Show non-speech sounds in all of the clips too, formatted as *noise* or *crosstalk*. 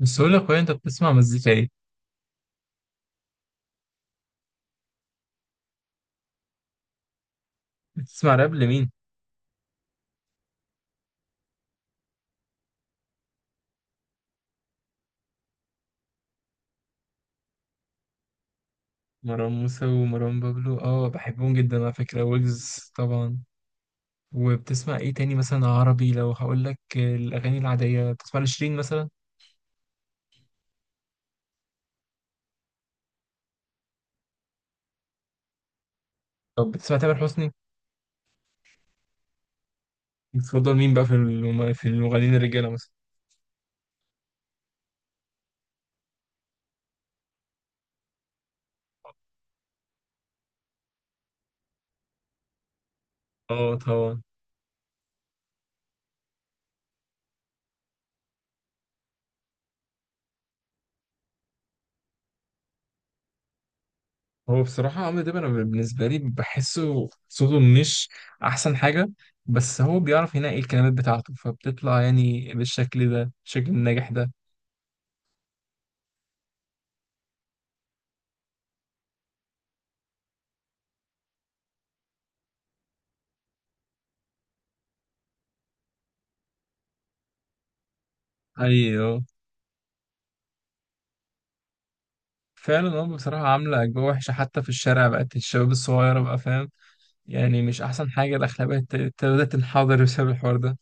بس أقول لك أنت بتسمع مزيكا إيه؟ بتسمع راب لمين؟ مروان موسى ومروان بابلو، أه بحبهم جدا على فكرة. ويجز طبعا. وبتسمع إيه تاني، مثلا عربي؟ لو هقول لك الأغاني العادية، بتسمع لشيرين مثلا؟ طب بتسمع تامر حسني؟ بتفضل مين بقى في في المغنيين الرجالة مثلا؟ أه طبعا. هو بصراحة عمرو دياب، أنا بالنسبة لي بحسه صوته مش أحسن حاجة، بس هو بيعرف ينقي الكلمات بتاعته، فبتطلع يعني بالشكل ده، الشكل الناجح ده. ايوه فعلا، هم بصراحة عاملة أجواء وحشة حتى في الشارع، بقت الشباب الصغيرة بقى فاهم، يعني مش أحسن حاجة. الأخلاقية ابتدت تنحدر بسبب الحوار ده.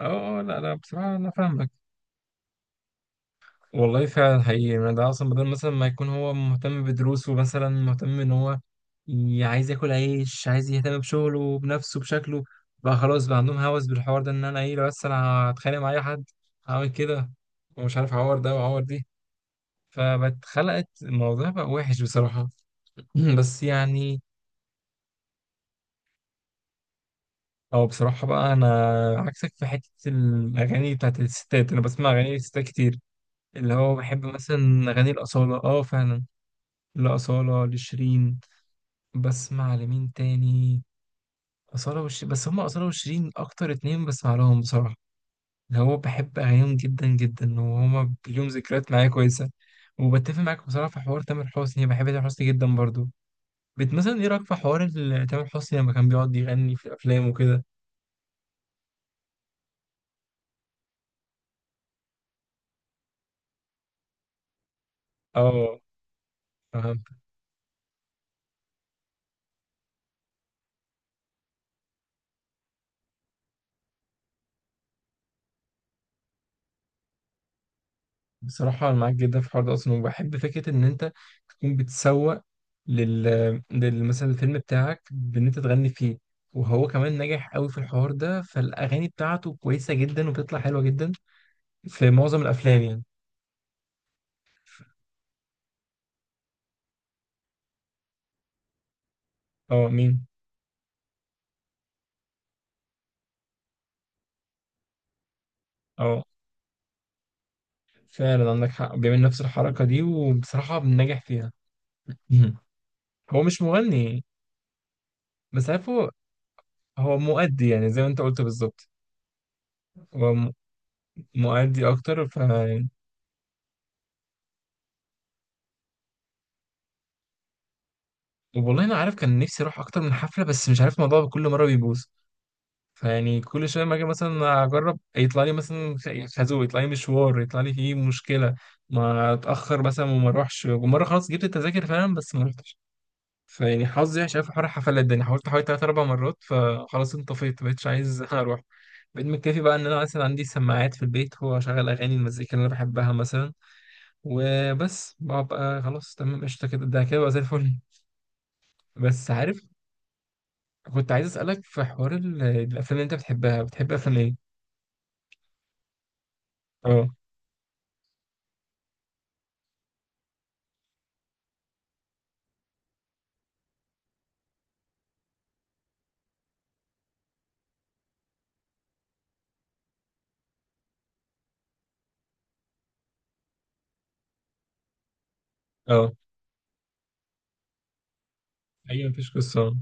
اه، لا لا، بصراحة أنا فاهمك. والله فعلا حقيقي، يعني ده أصلا بدل مثلا ما يكون هو مهتم بدروسه، مثلا مهتم إن هو عايز ياكل عيش، عايز يهتم بشغله بنفسه بشكله، بقى خلاص بقى عندهم هوس بالحوار ده. إن أنا إيه، لو بس أنا هتخانق مع أي حد هعمل كده، ومش عارف أعور ده وأعور دي. فبقت خلقت الموضوع بقى وحش بصراحة. *laughs* *clears throat* بس يعني، او بصراحة بقى انا عكسك في حتة الاغاني بتاعت الستات. انا بسمع اغاني الستات كتير، اللي هو بحب مثلا اغاني الاصالة، اه فعلا. الاصالة لشيرين. بسمع لمين تاني؟ اصالة وشيرين بس، هما اصالة وشيرين اكتر اتنين بسمع لهم بصراحة، اللي هو بحب اغانيهم جدا جدا، وهما ليهم ذكريات معايا كويسة. وبتفق معاك بصراحة في حوار تامر حسني، بحب تامر حسني جدا برضو. بت مثلا ايه رأيك في حوار تامر حسني لما كان بيقعد يغني في الافلام وكده؟ اه بصراحة أنا معاك جدا في حوار ده أصلا. وبحب فكرة إن أنت تكون بتسوق لل مثلا الفيلم بتاعك، بإن أنت تغني فيه، وهو كمان ناجح قوي في الحوار ده. فالأغاني بتاعته كويسة جدا، وبتطلع حلوة جدا في معظم الأفلام يعني. أه مين؟ أه فعلا عندك حق، بيعمل نفس الحركة دي، وبصراحة بنجح فيها. مهم. هو مش مغني، بس عارف هو مؤدي يعني زي ما أنت قلت بالظبط. هو م- مؤدي أكتر. والله انا عارف كان نفسي اروح اكتر من حفله، بس مش عارف الموضوع كل مره بيبوظ. فيعني كل شويه ما اجي مثلا اجرب، يطلع لي مثلا خازوق، يطلع لي مشوار، يطلع لي فيه مشكله، ما اتاخر مثلا وما اروحش. ومره خلاص جبت التذاكر فعلا بس ما رحتش. فيعني حظي وحش أوي في حوار الحفلات ده، يعني حاولت حوالي 3 4 مرات، فخلاص انطفيت ما بقتش عايز *laughs* اروح. بقيت مكتفي بقى ان انا مثلا عندي سماعات في البيت، هو شغال اغاني المزيكا اللي انا بحبها مثلا وبس، ببقى خلاص تمام قشطه كده، ده كده بقى زي الفل. بس عارف، كنت عايز اسالك في حوار الافلام اللي انت بتحبها، بتحب افلام ايه؟ اه، اه، ايوه مفيش قصه.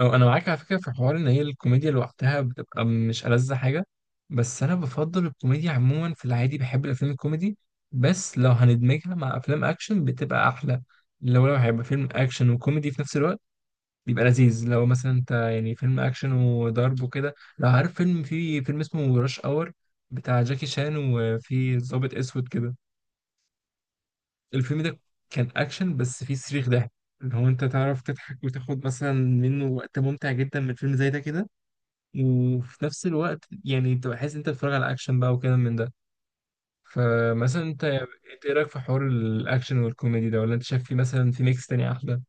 اه انا معاك على فكره في حوار ان هي الكوميديا لوحدها بتبقى مش ألذ حاجه. بس انا بفضل الكوميديا عموما، في العادي بحب الافلام الكوميدي، بس لو هندمجها مع افلام اكشن بتبقى احلى. لو هيبقى فيلم اكشن وكوميدي في نفس الوقت، بيبقى لذيذ. لو مثلا انت يعني فيلم اكشن وضرب وكده، لو عارف فيلم، في فيلم اسمه راش اور، بتاع جاكي شان وفي ضابط اسود كده، الفيلم ده كان اكشن بس فيه صريخ ضحك. اللي هو انت تعرف تضحك وتاخد مثلا منه وقت ممتع جدا من فيلم زي ده كده، وفي نفس الوقت يعني انت بحس انت بتتفرج على اكشن بقى وكده من ده. فمثلا انت ايه رايك في حوار الاكشن والكوميدي ده؟ ولا انت شايف في مثلا في ميكس تاني احلى؟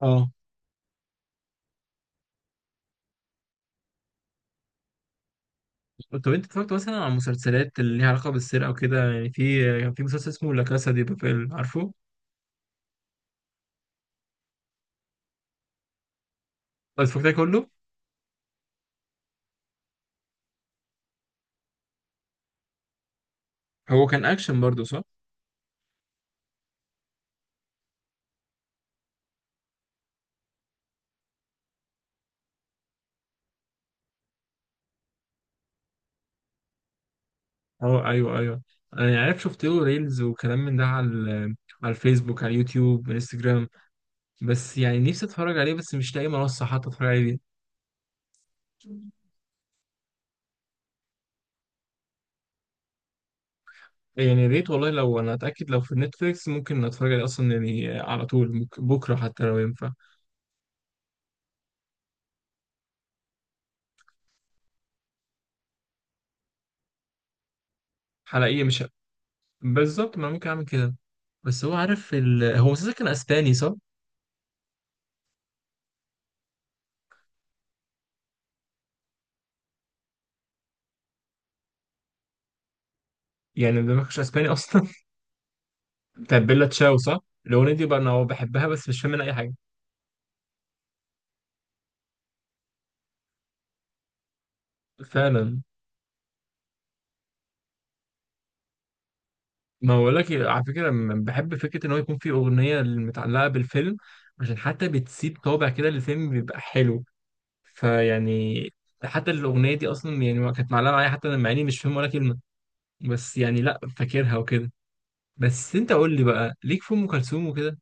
اه طب انت اتفرجت مثلا على مسلسلات اللي ليها علاقه بالسرقه وكده؟ يعني في كان في مسلسل اسمه لا كاسا دي بابيل، عارفه؟ طب اتفرجت عليه كله؟ هو كان اكشن برضه صح؟ اه ايوه ايوه. انا يعني عارف، شفت له ريلز وكلام من ده على على الفيسبوك، على اليوتيوب، انستجرام. بس يعني نفسي اتفرج عليه، بس مش لاقي منصه حتى اتفرج عليه بيها. يعني يا ريت والله، لو انا اتاكد لو في نتفليكس ممكن اتفرج عليه اصلا يعني على طول، ممكن بكره حتى لو ينفع. حلقيه مش بالظبط، ما أنا ممكن اعمل كده. بس هو عارف هو اساسا كان اسباني صح؟ يعني ده ما كانش اسباني اصلا *laughs* بتاع بيلا تشاو صح؟ الاغنيه دي بقى انا بحبها بس مش فاهم منها اي حاجه. فعلا. ما بقول لك على فكره، بحب فكره ان هو يكون في اغنيه متعلقه بالفيلم، عشان حتى بتسيب طابع كده للفيلم بيبقى حلو. فيعني حتى الاغنيه دي اصلا يعني ما كانت معلقه معايا حتى، انا مع اني مش فاهم ولا كلمه، بس يعني لا فاكرها وكده. بس انت قول لي بقى ليك في ام كلثوم وكده.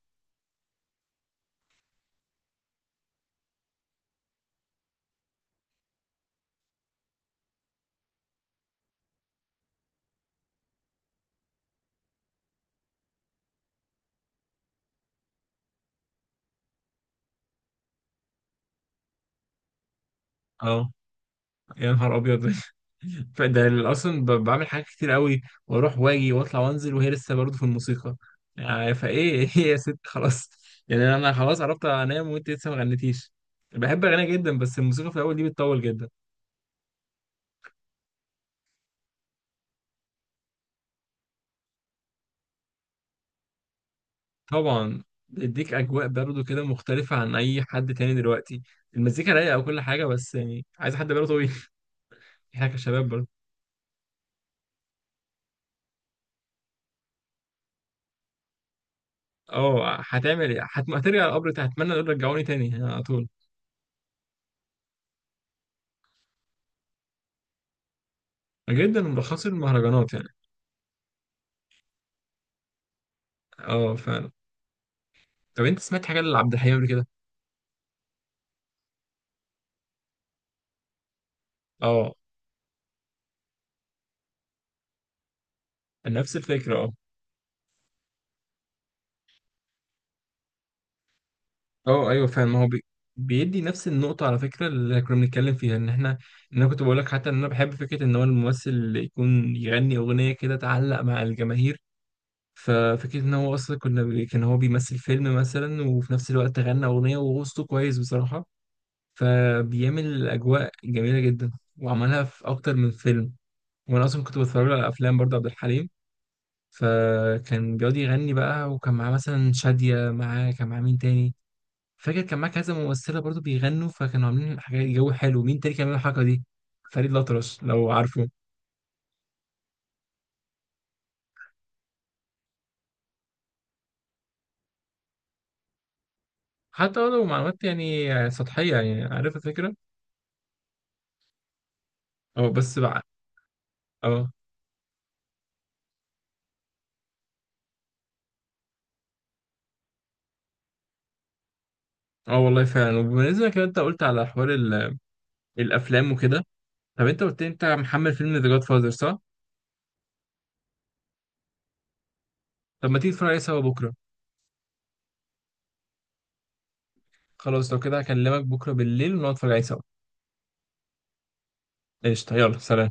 اه يا نهار ابيض، فده اصلا بعمل حاجات كتير قوي، واروح واجي واطلع وانزل، وهي لسه برضه في الموسيقى. يعني فايه *laughs* ايه يا ست خلاص؟ يعني انا خلاص عرفت انام وانت لسه ما غنيتيش. بحب اغني جدا بس الموسيقى في الاول دي بتطول جدا. طبعا، بيديك اجواء برضه كده مختلفه عن اي حد تاني دلوقتي. المزيكا رايقه وكل حاجه بس يعني عايز حد باله طويل *laughs* احنا كشباب برضه، اه هتعمل ايه؟ هترجع القبر تاني. هتمنى دول رجعوني تاني يعني على طول. جدا ملخص المهرجانات يعني. اه فعلا. طب انت سمعت حاجه لعبد الحليم قبل كده؟ اه نفس الفكرة، اه. اه ايوه فعلا، ما هو بيدي نفس النقطة على فكرة اللي كنا بنتكلم فيها، ان احنا، ان انا كنت بقول لك حتى ان انا بحب فكرة ان هو الممثل اللي يكون يغني اغنية كده تعلق مع الجماهير. ففكرة ان هو اصلا كان هو بيمثل فيلم مثلا، وفي نفس الوقت غنى اغنية، وهو صوته كويس بصراحة، فبيعمل اجواء جميلة جدا. وعملها في اكتر من فيلم. وانا اصلا كنت بتفرج على افلام برضه عبد الحليم، فكان بيقعد يغني بقى، وكان معاه مثلا شادية، معاه كان معاه مين تاني، فاكر كان معاه كذا ممثله برضو بيغنوا، فكانوا عاملين حاجات جو حلو. مين تاني كان عامل الحركه دي؟ فريد الأطرش لو عارفه. حتى لو معلومات يعني سطحيه، يعني عارف الفكره. اه بس بقى. اه. اه والله فعلا. وبالنسبه كده انت قلت على حوار الافلام وكده، طب انت قلت لي انت محمل فيلم ذا جاد فاذر صح؟ طب ما تيجي تتفرج عليه سوا بكره. خلاص لو كده هكلمك بكره بالليل ونقعد نتفرج عليه سوا. قشطه، يلا سلام.